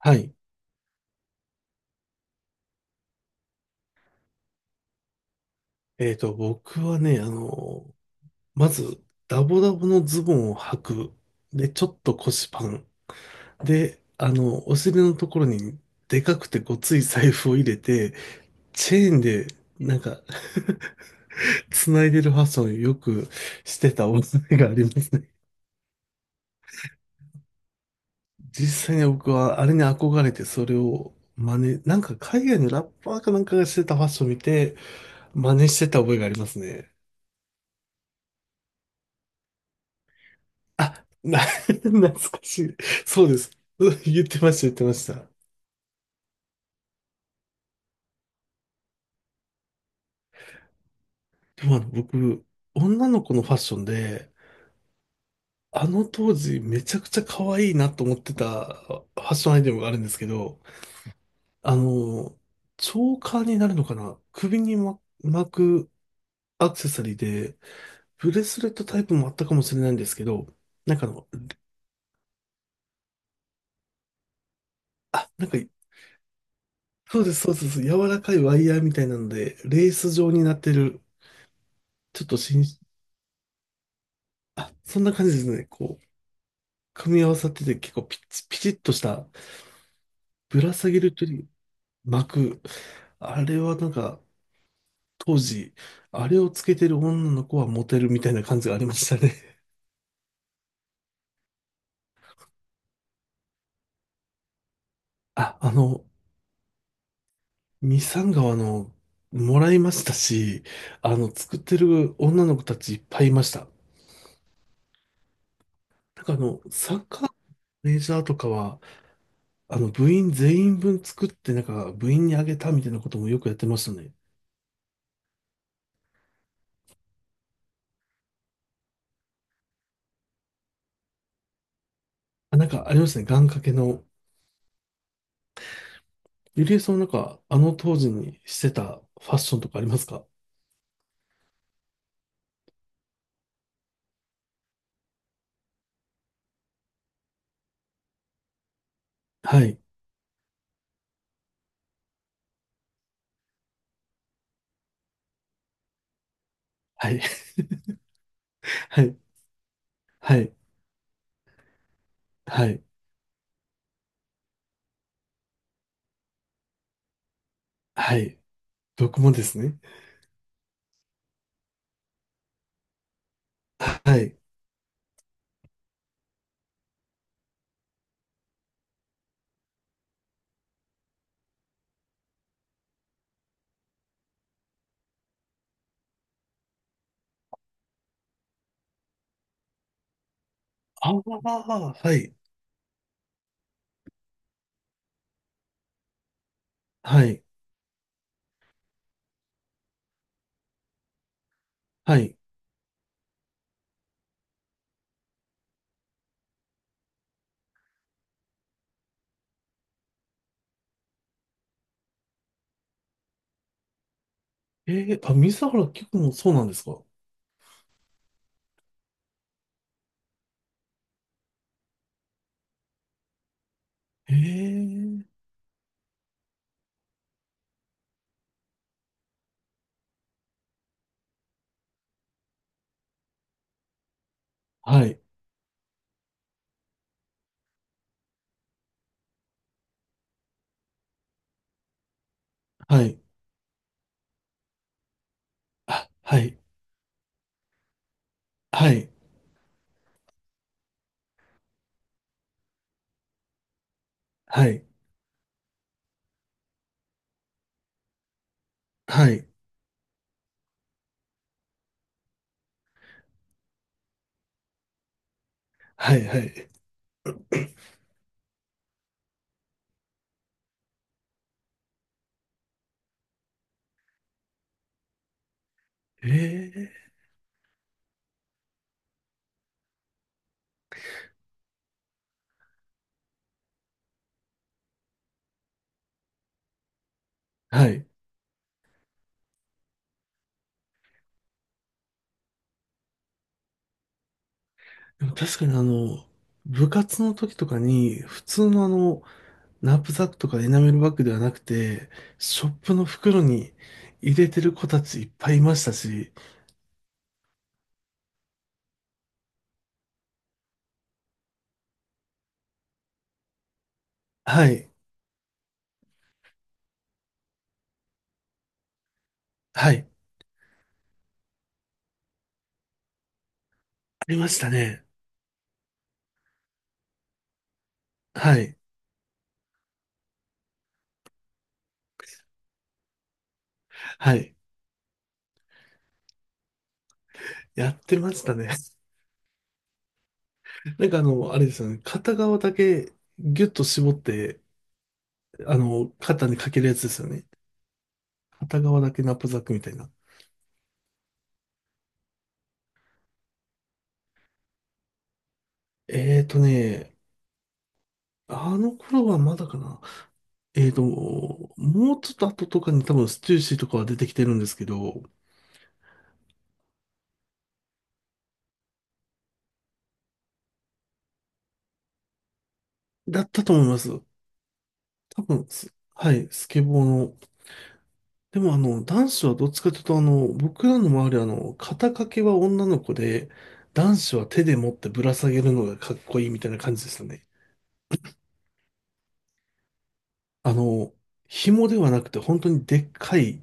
はい。僕はね、まず、ダボダボのズボンを履く。で、ちょっと腰パン。で、お尻のところに、でかくてごつい財布を入れて、チェーンで、なんか 繋いでるファッションをよくしてたお覚えがありますね。実際に僕はあれに憧れてそれを真似、なんか海外のラッパーかなんかがしてたファッションを見て真似してた覚えがありますね。あ、な、懐かしい。そうです。うん、言ってました、言ってました。でも僕、女の子のファッションで、あの当時めちゃくちゃ可愛いなと思ってたファッションアイテムがあるんですけど、あの、チョーカーになるのかな、首に巻くアクセサリーで、ブレスレットタイプもあったかもしれないんですけど、なんかあの、あ、なんか、そうです、そうです、そうです、柔らかいワイヤーみたいなので、レース状になってる、ちょっとしんそんな感じですね。こう、組み合わさってて結構ピチッとした、ぶら下げる巻く。あれはなんか当時、あれをつけてる女の子はモテるみたいな感じがありましたね。あ、あの、ミサンガはもらいましたし、作ってる女の子たちいっぱいいました。サッカーのマネージャーとかは、部員全員分作って、なんか部員にあげたみたいなこともよくやってましたね。あ、なんかありましたね。願掛けの、ゆりえさんなんか、あの当時にしてたファッションとかありますか？はい。はい。はい。はい。はい。はい。僕もですね。はい。ああ、はい。はい。はい。えー、あ、水原希子もそうなんですか？えー、はい。はい。あ、はい。はい。はい。はい。はい。はい。えー、はい。でも確かに部活の時とかに、普通のナップサックとかエナメルバッグではなくて、ショップの袋に入れてる子たちいっぱいいましたし、はい、はい、ありましたね。はい、はい、やってましたね。あれですよね、片側だけギュッと絞って、肩にかけるやつですよね。片側だけナップサックみたいな。えーとね、あの頃はまだかな。えーと、もうちょっと後とかに多分ステューシーとかは出てきてるんですけど、だったと思います。多分す、はい、スケボーの。でも男子はどっちかというと僕らの周りは肩掛けは女の子で、男子は手で持ってぶら下げるのがかっこいいみたいな感じでしたね。あの、紐ではなくて本当にでっかい、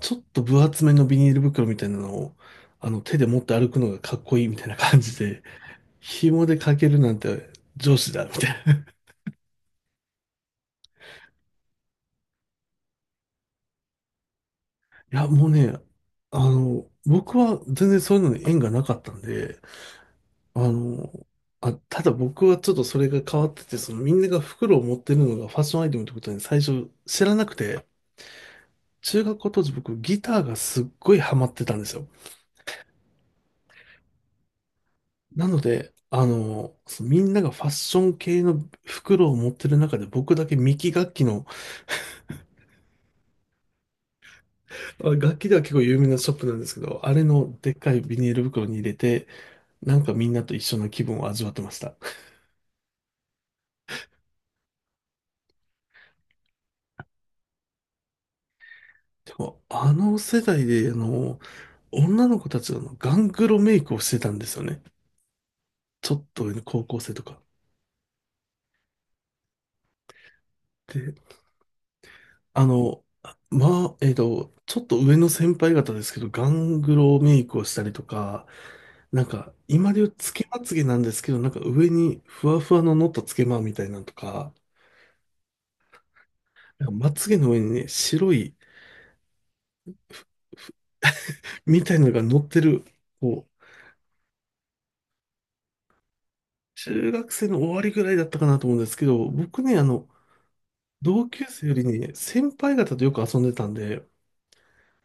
ちょっと分厚めのビニール袋みたいなのを、手で持って歩くのがかっこいいみたいな感じで、紐で掛けるなんて上司だ、みたいな。いや、もうね、僕は全然そういうのに縁がなかったんで、あの、あ、ただ僕はちょっとそれが変わってて、そのみんなが袋を持ってるのがファッションアイテムってことに最初知らなくて、中学校当時僕ギターがすっごいハマってたんですよ。なので、そのみんながファッション系の袋を持ってる中で僕だけミキ楽器の、あ、楽器では結構有名なショップなんですけど、あれのでっかいビニール袋に入れて、なんかみんなと一緒の気分を味わってました。でも、あの世代で、女の子たちがあのガングロメイクをしてたんですよね。ちょっと上の高校生とか。で、あの、ちょっと上の先輩方ですけど、ガングロメイクをしたりとか、なんか、今で言うつけまつげなんですけど、なんか上にふわふわの乗ったつけまみたいなのとか、なんかまつげの上にね、白いみたいなのが乗ってる、こう、中学生の終わりぐらいだったかなと思うんですけど、僕ね、同級生よりね、先輩方とよく遊んでたんで、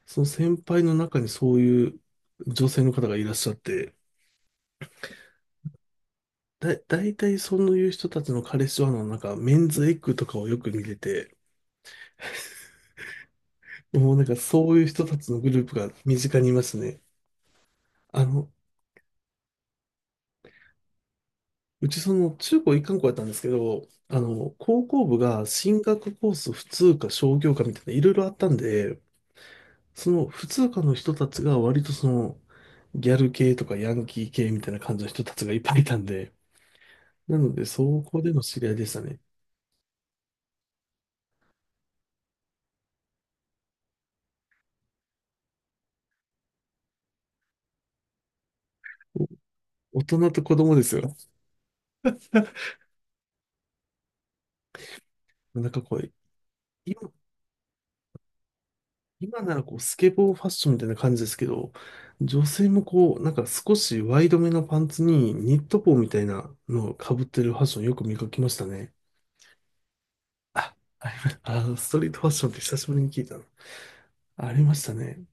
その先輩の中にそういう女性の方がいらっしゃって、大体そういう人たちの彼氏はの、なんか、メンズエッグとかをよく見てて、もうなんかそういう人たちのグループが身近にいますね。あの、うちその中高一貫校やったんですけど、高校部が進学コース普通科商業科みたいないろいろあったんで、その普通科の人たちが割とその、ギャル系とかヤンキー系みたいな感じの人たちがいっぱいいたんで、なので、そこでの知り合いでしたね。お、大人と子供ですよ。なんかこう、今、今ならこうスケボーファッションみたいな感じですけど、女性もこう、なんか少しワイドめのパンツにニット帽みたいなのをかぶってるファッションよく見かけましたね。あ、ありました、ストリートファッションって久しぶりに聞いたの。ありましたね。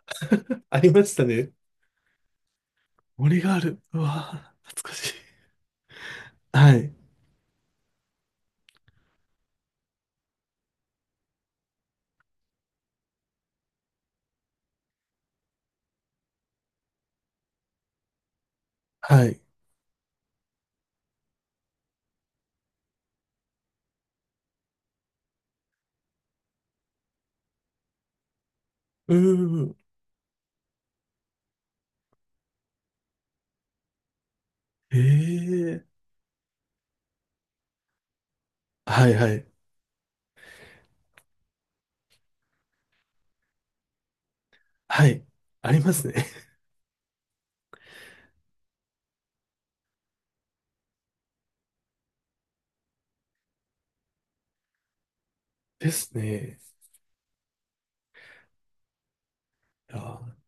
ありましたね。森がある。うわぁ、懐かしい。はい。はい。うーん。ええ、はいはい。はい。ありますね。ですね。いやー、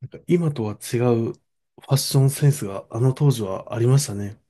なんか今とは違うファッションセンスがあの当時はありましたね。